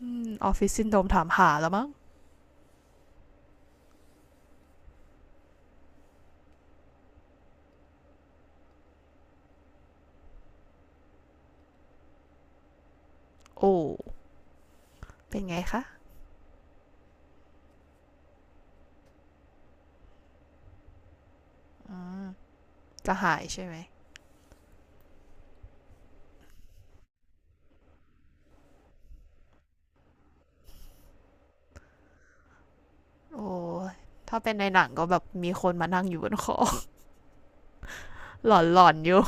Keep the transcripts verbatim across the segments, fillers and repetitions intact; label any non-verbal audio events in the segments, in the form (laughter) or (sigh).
อืมออฟฟิศซินโดรมถามหาแล้วมั้งโอ้เป็นไงคะอืมจะหายใช่ไหมโอ้ถ้าเป็นในหนังก็แบบมีคนมานั่งอยู่บนคอ (laughs) หลอนๆอยู่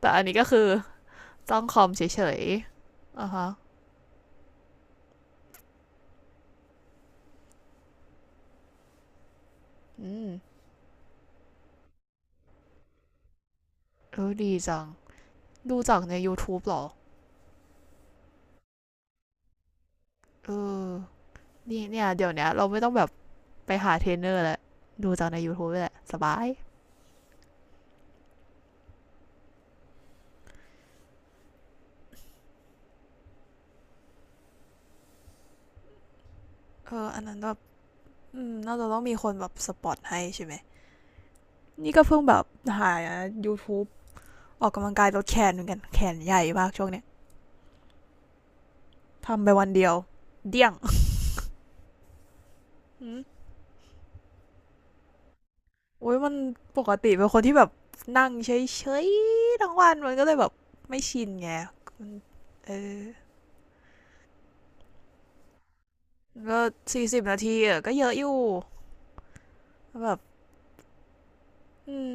แต่อันนี้ก็คือจ้องคอมเฉยๆอ่ะฮะอืมเออดีจังดูจากใน YouTube หรอเออนี่เนี่ยเดี๋ยวเนี้ยเราไม่ต้องแบบไปหาเทรนเนอร์แล้วดูจากใน YouTube แหละสบายเอออันนั้นแบบอืน่าจะต้องมีคนแบบสปอตให้ใช่ไหมนี่ก็เพิ่งแบบหา YouTube ออกกำลังกายลดแขนเหมือนกันแขนใหญ่มากช่วงเนี้ยทำไปวันเดียวเดี่ยงอมโอ้ยมันปกติเป็นคนที่แบบนั่งเฉยๆทั้งวันมันก็เลยแบบไม่ชินไงเออก็สี่สิบนาทีอะก็เยอะอยู่แบบอืม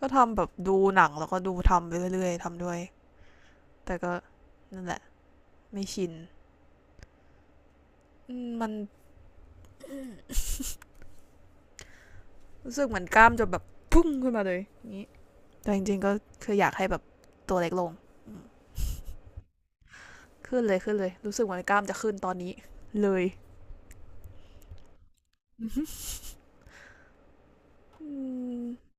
ก็ทำแบบดูหนังแล้วก็ดูทำไปเรื่อยๆทำด้วยแต่ก็นั่นแหละไม่ชินมมันรู้สึกเหมือนกล้ามจะแบบพุ่งขึ้นมาเลยอย่างนี้แต่จริงๆก็คืออยากให้แบบตัวเล็กลง ขึ้นเลยขึ้นเลยรู้สึกเหมือนกล้ามจะขึ้นตอนนี้เลยม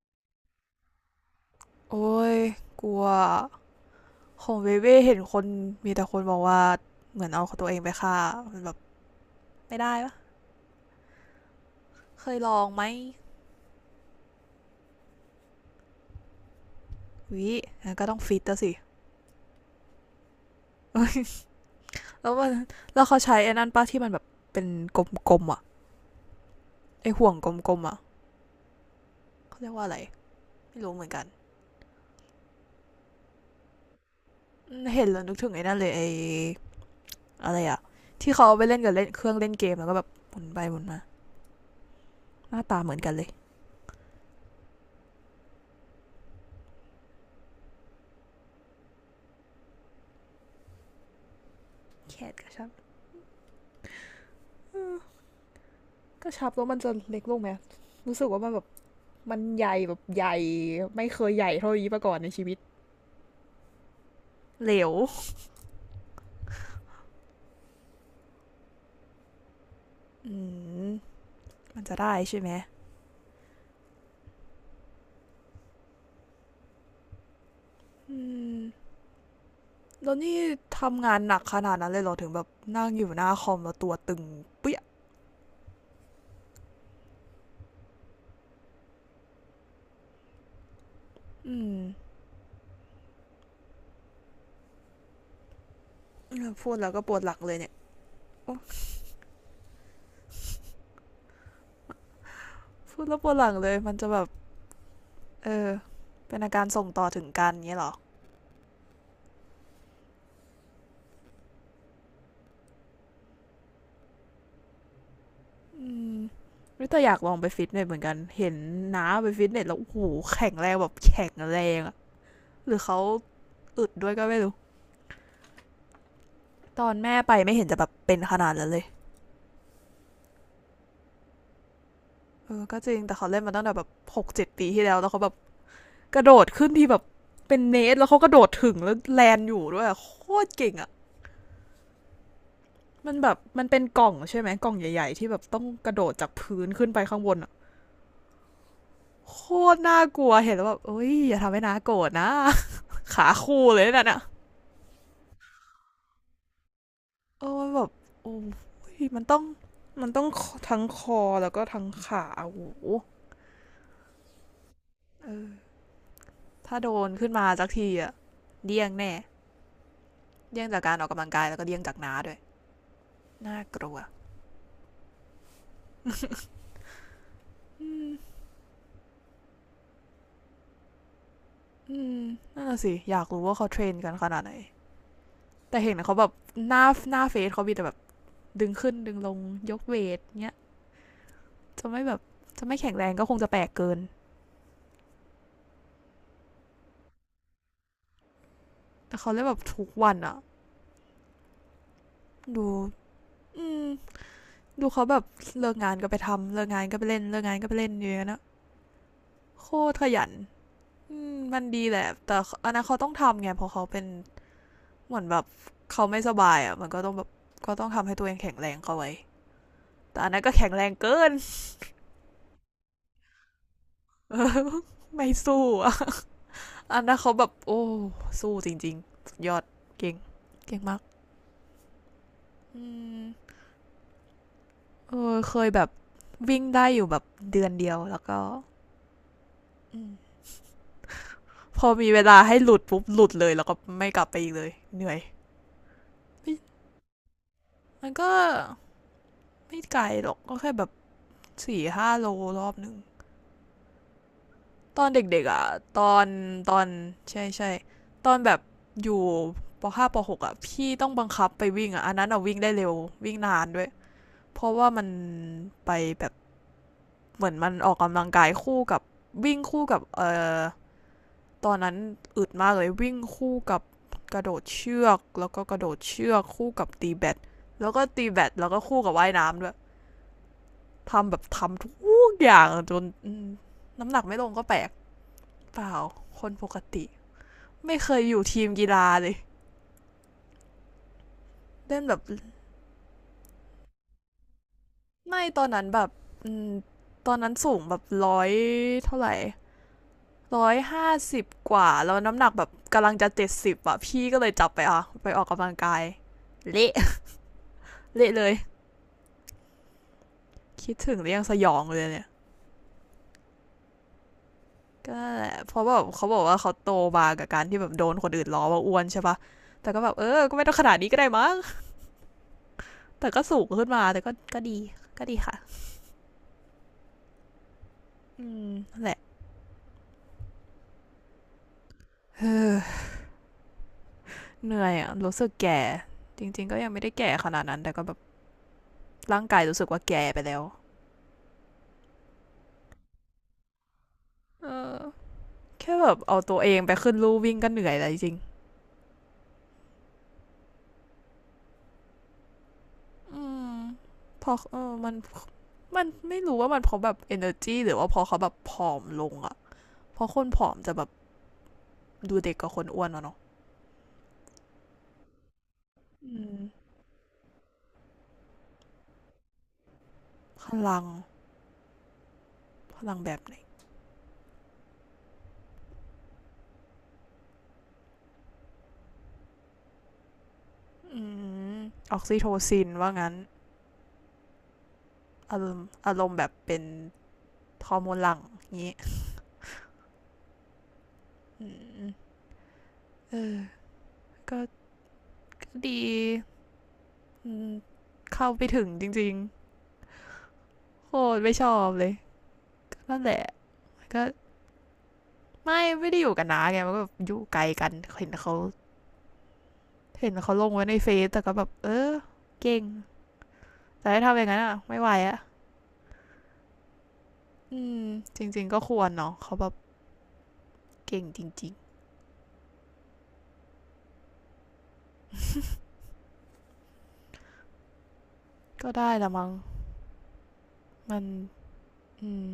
โอ้ยกลัวของเวเว่เห็นคนมีแต่คนบอกว่าเหมือนเอาตัวเองไปฆ่ามันแบบไม่ได้ปะเคยลองไหมวิงั้นก็ต้องฟิตแสิ้ (laughs) แล้วมันแล้วเขาใช้ไอ้นั่นป้าที่มันแบบเป็นกลมๆอ่ะไอห่วงกลมๆอ่ะเขาเรียกว่าอะไรไม่รู้เหมือนกันเห็นแล้วนึกถึงไอ้นั่นเลยไออะไรอ่ะที่เขาาไปเล่นกับเล่นเครื่องเล่นเกมแล้วก็แบบหมุนไปหมุนมาหน้าตาเหมือนกันเลยแคทก็ชอบ กระชับแล้วมันจะเล็กลงไหมรู้สึกว่ามันแบบมันใหญ่แบบใหญ่ไม่เคยใหญ่เท่านี้มาก่อนในชีวิตเหลวอืมมันจะได้ใช่ไหมอืมแล้วนี่ทำงานหนักขนาดนั้นเลยเหรอถึงแบบนั่งอยู่หน้าคอมแล้วตัวตึงเปี้ยอืมพูดแล้วก็ปวดหลังเลยเนี่ย พูดแล้วปวดหลังเลยมันจะแบบเออเป็นอาการส่งต่อถึงกันเงี้ยหรออืมวิต่อยากลองไปฟิตเนสเหมือนกันเห็นน้าไปฟิตเนสแล้วโอ้โหแข็งแรงแบบแข็งแรงอ หรือเขาอึดด้วยก็ไม่รู้ตอนแม่ไปไม่เห็นจะแบบเป็นขนาดนั้นเลยเออก็จริงแต่เขาเล่นมาตั้งแต่แบบหกเจ็ดปีที่แล้วแล้วเขาแบบกระโดดขึ้นที่แบบเป็นเนสแล้วเขากระโดดถึงแล้วแลนอยู่ด้วยโคตรเก่งอะมันแบบมันเป็นกล่องใช่ไหมกล่องใหญ่ๆที่แบบต้องกระโดดจากพื้นขึ้นไปข้างบนอะโคตรน่ากลัวเห็นแล้วแบบเอ้ยอย่าทำให้น้าโกรธนะ (laughs) ขาคู่เลยนั่นอะเออแบบโอ้ยมันต้องมันต้องทั้งคอแล้วก็ทั้งขาโอ้โหเออ ถ้าโดนขึ้นมาสักทีอะเดี่ยงแน่เดี่ยงจากการออกกำลังกายแล้วก็เดี่ยงจากน้าด้วยน่ากลัวอืมอืมนั่นน่ะสิอยากรู้ว่าเขาเทรนกันขนาดไหนแต่เห็นเขาแบบหน้าหน้าเฟซเขามีแต่แบบดึงขึ้นดึงลงยกเวทเนี้ยจะไม่แบบจะไม่แข็งแรงก็คงจะแปลกเกินแต่เขาเล่นแบบทุกวันอะดูอืมดูเขาแบบเลิกงานก็ไปทำเลิกงานก็ไปเล่นเลิกงานก็ไปเล่นอย่างเงี้ยนะโคตรขยันอืมมันดีแหละแต่อันนั้นเขาต้องทำไงเพราะเขาเป็น เหมือนแบบเขาไม่สบายอ่ะมันก็ต้องแบบก็ต้องทำให้ตัวเองแข็งแรงเข้าไว้แต่อันนั้นก็แข็งแรงเกิน (laughs) ไม่สู้อ่ะอันนั้นเขาแบบโอ้สู้จริงๆสุดยอดเก่งเก่งมากอืมเออเคยแบบวิ่งได้อยู่แบบเดือนเดียวแล้วก็มพอมีเวลาให้หลุดปุ๊บหลุดเลยแล้วก็ไม่กลับไปอีกเลยเหนื่อยมมันก็ไม่ไกลหรอกก็แค่แบบสี่ห้าโลรอบหนึ่ง ตอนเด็กๆอ่ะตอนตอนใช่ใช่ตอนแบบอยู่ปห้าปหกอ่ะพี่ต้องบังคับไปวิ่งอ่ะอันนั้นอ่ะวิ่งได้เร็ววิ่งนานด้วยเพราะว่ามันไปแบบเหมือนมันออกกำลังกายคู่กับวิ่งคู่กับเอ่อตอนนั้นอึดมากเลยวิ่งคู่กับกระโดดเชือกแล้วก็กระโดดเชือกคู่กับตีแบดแล้วก็ตีแบดแล้วก็คู่กับว่ายน้ำด้วยทำแบบทำทุกอย่างจนอืมน้ำหนักไม่ลงก็แปลกเปล่าคนปกติ ไม่เคยอยู่ทีมกีฬาเลยเล่นแบบไม่ตอนนั้นแบบตอนนั้นสูงแบบร้อยเท่าไหร่ร้อยห้าสิบกว่าแล้วน้ำหนักแบบกำลังจะเจ็ดสิบอ่ะพี่ก็เลยจับไปอ่ะไปออกกำลังกายเละ (laughs) เละเลยคิดถึงแล้วยังสยองเลยเนี่ยก็ันแหละเพราะแบบเขาบอกว่าเขาโตมากับการที่แบบโดนคนอื่นล้อว่าอ้วนใช่ปะแต่ก็แบบเออก็ไม่ต้องขนาดนี้ก็ได้มั้งแต่ก็สูงขึ้นมาแต่ก็ก็ดีก็ดีค่ะอืมนั่นแหละเออ เหนื่อยอ่ะรู้สึกแก่จริงๆก็ยังไม่ได้แก่ขนาดนั้นแต่ก็แบบร่างกายรู้สึกว่าแก่ไปแล้วเออแค่แบบเอาตัวเองไปขึ้นลู่วิ่งก็เหนื่อยแล้วจริงๆอืมพอเออมันมันไม่รู้ว่ามันเพราะแบบ energy หรือว่าพอเขาแบบผอมลงอ่ะเพราะคนผอมจะแบบดูเด็กกว่าคนอ้วนอะเนาะอืมพลังพลังแบบไหนอืมออกซิโทซินว่างั้นอารมณ์อารมณ์แบบเป็นฮอร์โมนหลัง่งงี้อืมเออก็ดี อืมเข้าไปถึงจริงๆโคตรไม่ชอบเลยนั่นแหละก็ไม่ ไม่ได้อยู่กันนะไงมันก็แบบอยู่ไกลกันเห็นเขาเห็นเขาลงไว้ในเฟซแต่ก็แบบเออ เก่งแต่ถ้าทำอย่างนั้นอ่ะไม่ไหวอ่ะอืมจริงๆก็ควรเนาะเขาแบบเก่งจริงๆก็ได้ละมั้งมันอืม (laughs)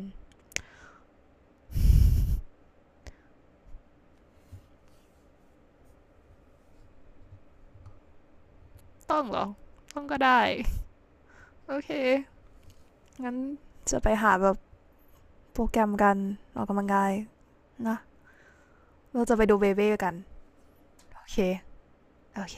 ต้องเหรอต้องก็ได้โอเคงั้นจะไปหาแบบโปรแกรมกันออกกำลังกาย นะเราจะไปดูเบเบ้กัน โอเคโอเค